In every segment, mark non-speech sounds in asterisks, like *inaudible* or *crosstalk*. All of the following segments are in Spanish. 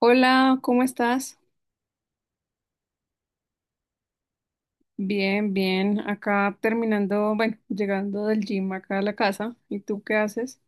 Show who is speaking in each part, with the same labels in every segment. Speaker 1: Hola, ¿cómo estás? Bien, bien. Acá terminando, bueno, llegando del gym acá a la casa. ¿Y tú qué haces?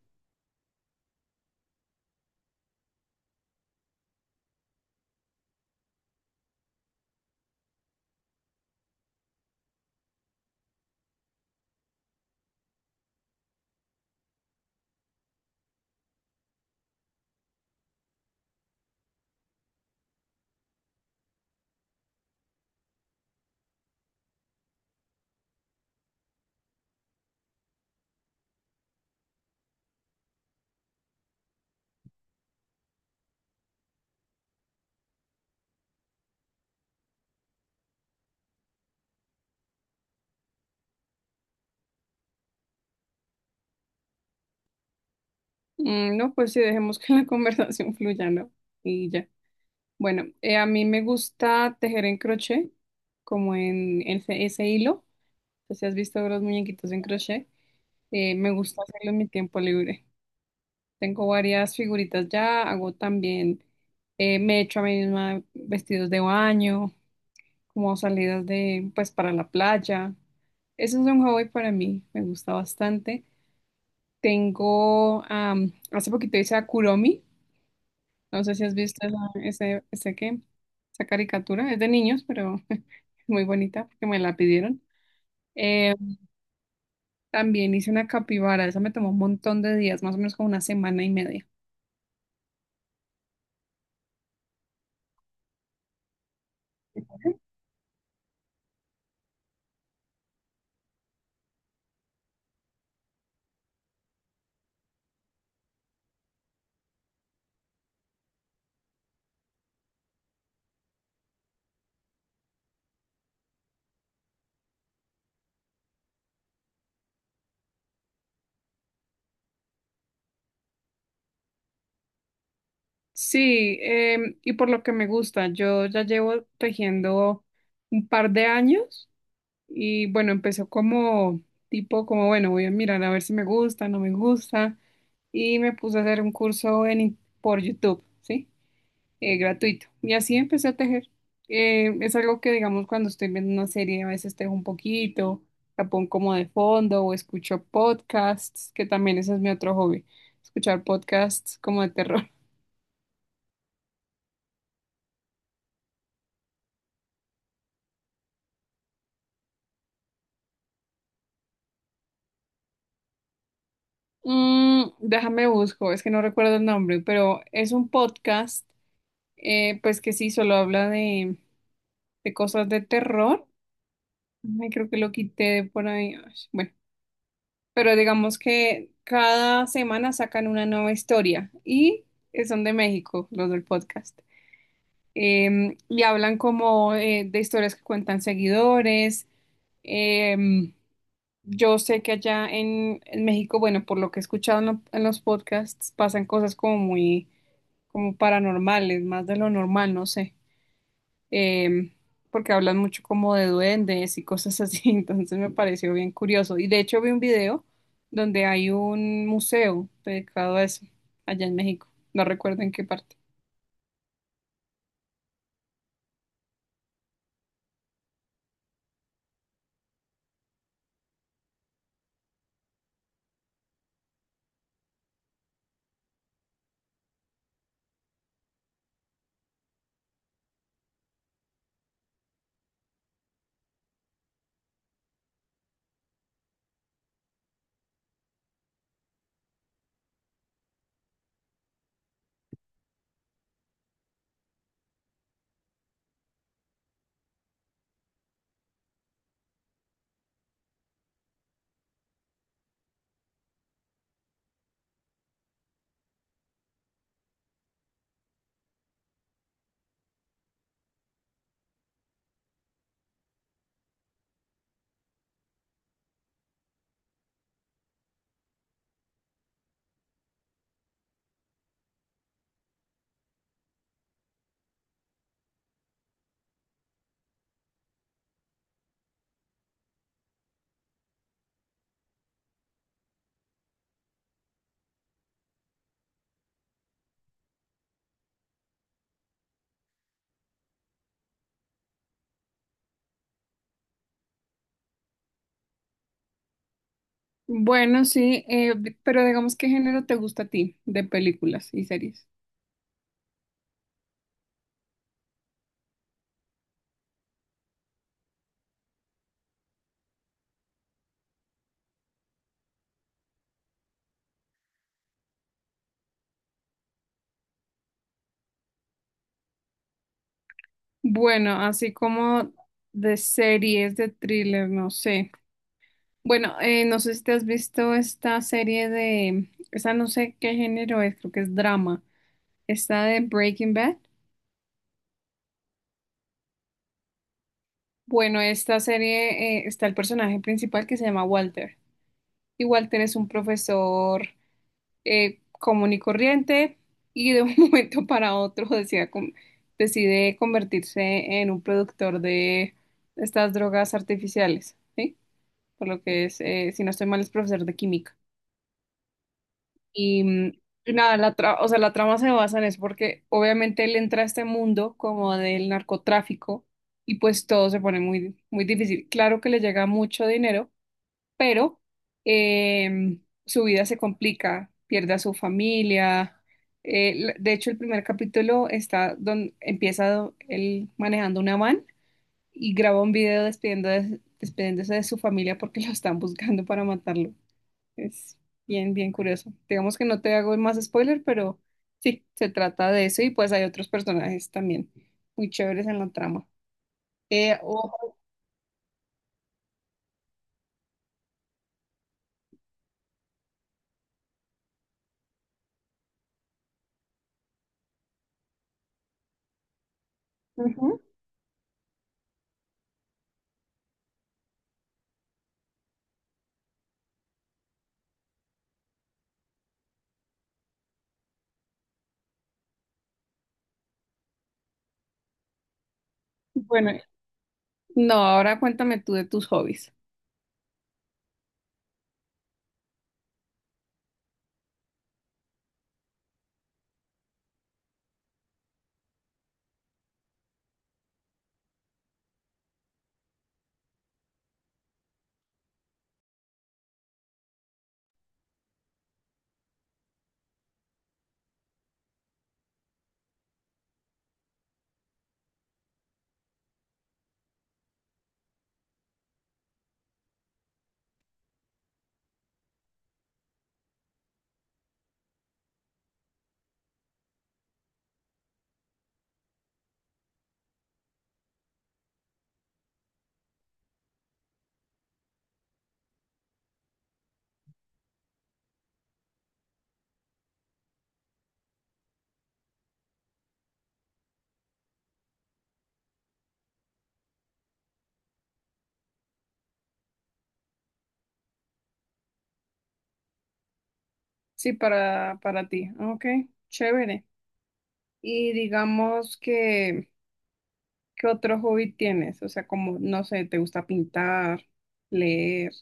Speaker 1: Mm, no, pues sí, dejemos que la *laughs* conversación fluya, ¿no? Y ya. Bueno, a mí me gusta tejer en crochet, como en ese hilo. No sé si has visto los muñequitos en crochet. Me gusta hacerlo en mi tiempo libre. Tengo varias figuritas ya, hago también, me echo a mí misma vestidos de baño, como salidas de, pues, para la playa. Eso es un hobby para mí, me gusta bastante. Tengo, hace poquito hice a Kuromi, no sé si has visto esa, ese qué, esa caricatura, es de niños, pero *laughs* es muy bonita porque me la pidieron. Eh, También hice una capibara, esa me tomó un montón de días, más o menos como una semana y media. Sí, y por lo que me gusta, yo ya llevo tejiendo un par de años. Y bueno, empezó como tipo, como bueno, voy a mirar a ver si me gusta, no me gusta. Y me puse a hacer un curso por YouTube, ¿sí? Gratuito. Y así empecé a tejer. Es algo que, digamos, cuando estoy viendo una serie, a veces tejo un poquito, la pongo como de fondo o escucho podcasts, que también ese es mi otro hobby, escuchar podcasts como de terror. *laughs* Mm, déjame busco, es que no recuerdo el nombre, pero es un podcast, pues que sí, solo habla de cosas de terror. Ay, creo que lo quité por ahí. Ay, bueno, pero digamos que cada semana sacan una nueva historia y son de México, los del podcast. Y hablan como de historias que cuentan seguidores. Em, yo sé que allá en México, bueno, por lo que he escuchado en los podcasts, pasan cosas como muy, como paranormales, más de lo normal, no sé. em, Porque hablan mucho como de duendes y cosas así, *laughs* entonces me pareció bien curioso. Y de hecho vi un video donde hay un museo dedicado a eso, allá en México, no recuerdo en qué parte. Bueno, sí, pero digamos, ¿qué género te gusta a ti de películas y series? Bueno, así como de series, de thriller, no sé. Bueno, no sé si te has visto esta serie de, esa no sé qué género es, creo que es drama, esta de Breaking Bad. Bueno, esta serie está el personaje principal que se llama Walter. Y Walter es un profesor común y corriente y de un *laughs* momento para otro decide, decide convertirse en un productor de estas drogas artificiales, ¿sí? Por lo que es, si no estoy mal, es profesor de química. Y, mm, y nada, o sea, la trama se basa en eso porque obviamente él entra a este mundo como del narcotráfico y pues todo se pone muy difícil. Claro que le llega mucho dinero, pero su vida se complica, pierde a su familia. De hecho, el primer capítulo está donde empieza él manejando una van y graba un video despidiéndose de su familia porque lo están buscando para matarlo. Es bien, bien curioso. Digamos que no te hago más spoiler, pero sí, se trata de eso y pues hay otros personajes también muy chéveres en la trama. Eh, o- Ujú. Bueno, no, ahora cuéntame tú de tus hobbies. Sí, para ti. Ok, chévere. Y digamos que, ¿qué otro hobby tienes? O sea, como, no sé, ¿te gusta pintar, leer?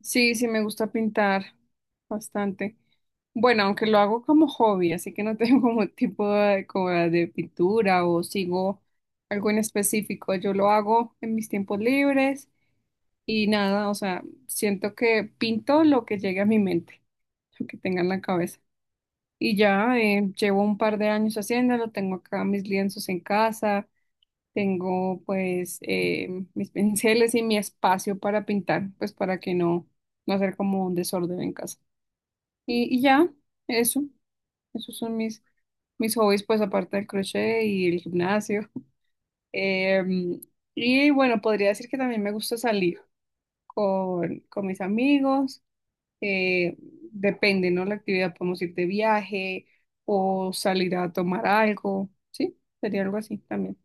Speaker 1: Sí, sí, me gusta pintar bastante. Bueno, aunque lo hago como hobby, así que no *laughs* tengo como tipo de, como de pintura o sigo algo en específico. Yo lo hago en mis tiempos libres y nada, o sea, siento que pinto lo que llegue a mi mente, *laughs* lo que tenga en la cabeza. Y ya llevo un par de años haciéndolo, tengo acá mis lienzos en casa, tengo pues mis *laughs* pinceles y mi espacio para pintar, pues para que no hacer como un desorden en casa. Ya, eso, esos son mis hobbies, pues aparte del crochet y el gimnasio. *laughs* Em, y bueno, podría decir que también me gusta salir con mis amigos depende, ¿no? La actividad, podemos ir de viaje o salir a tomar algo, ¿sí? Sería algo así también.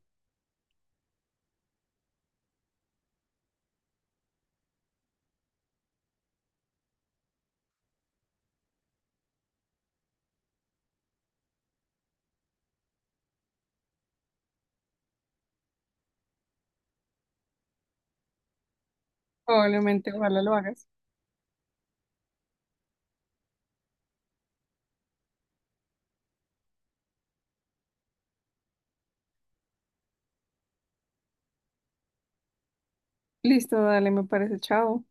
Speaker 1: Probablemente, ojalá lo hagas. Listo, dale, me parece, chao.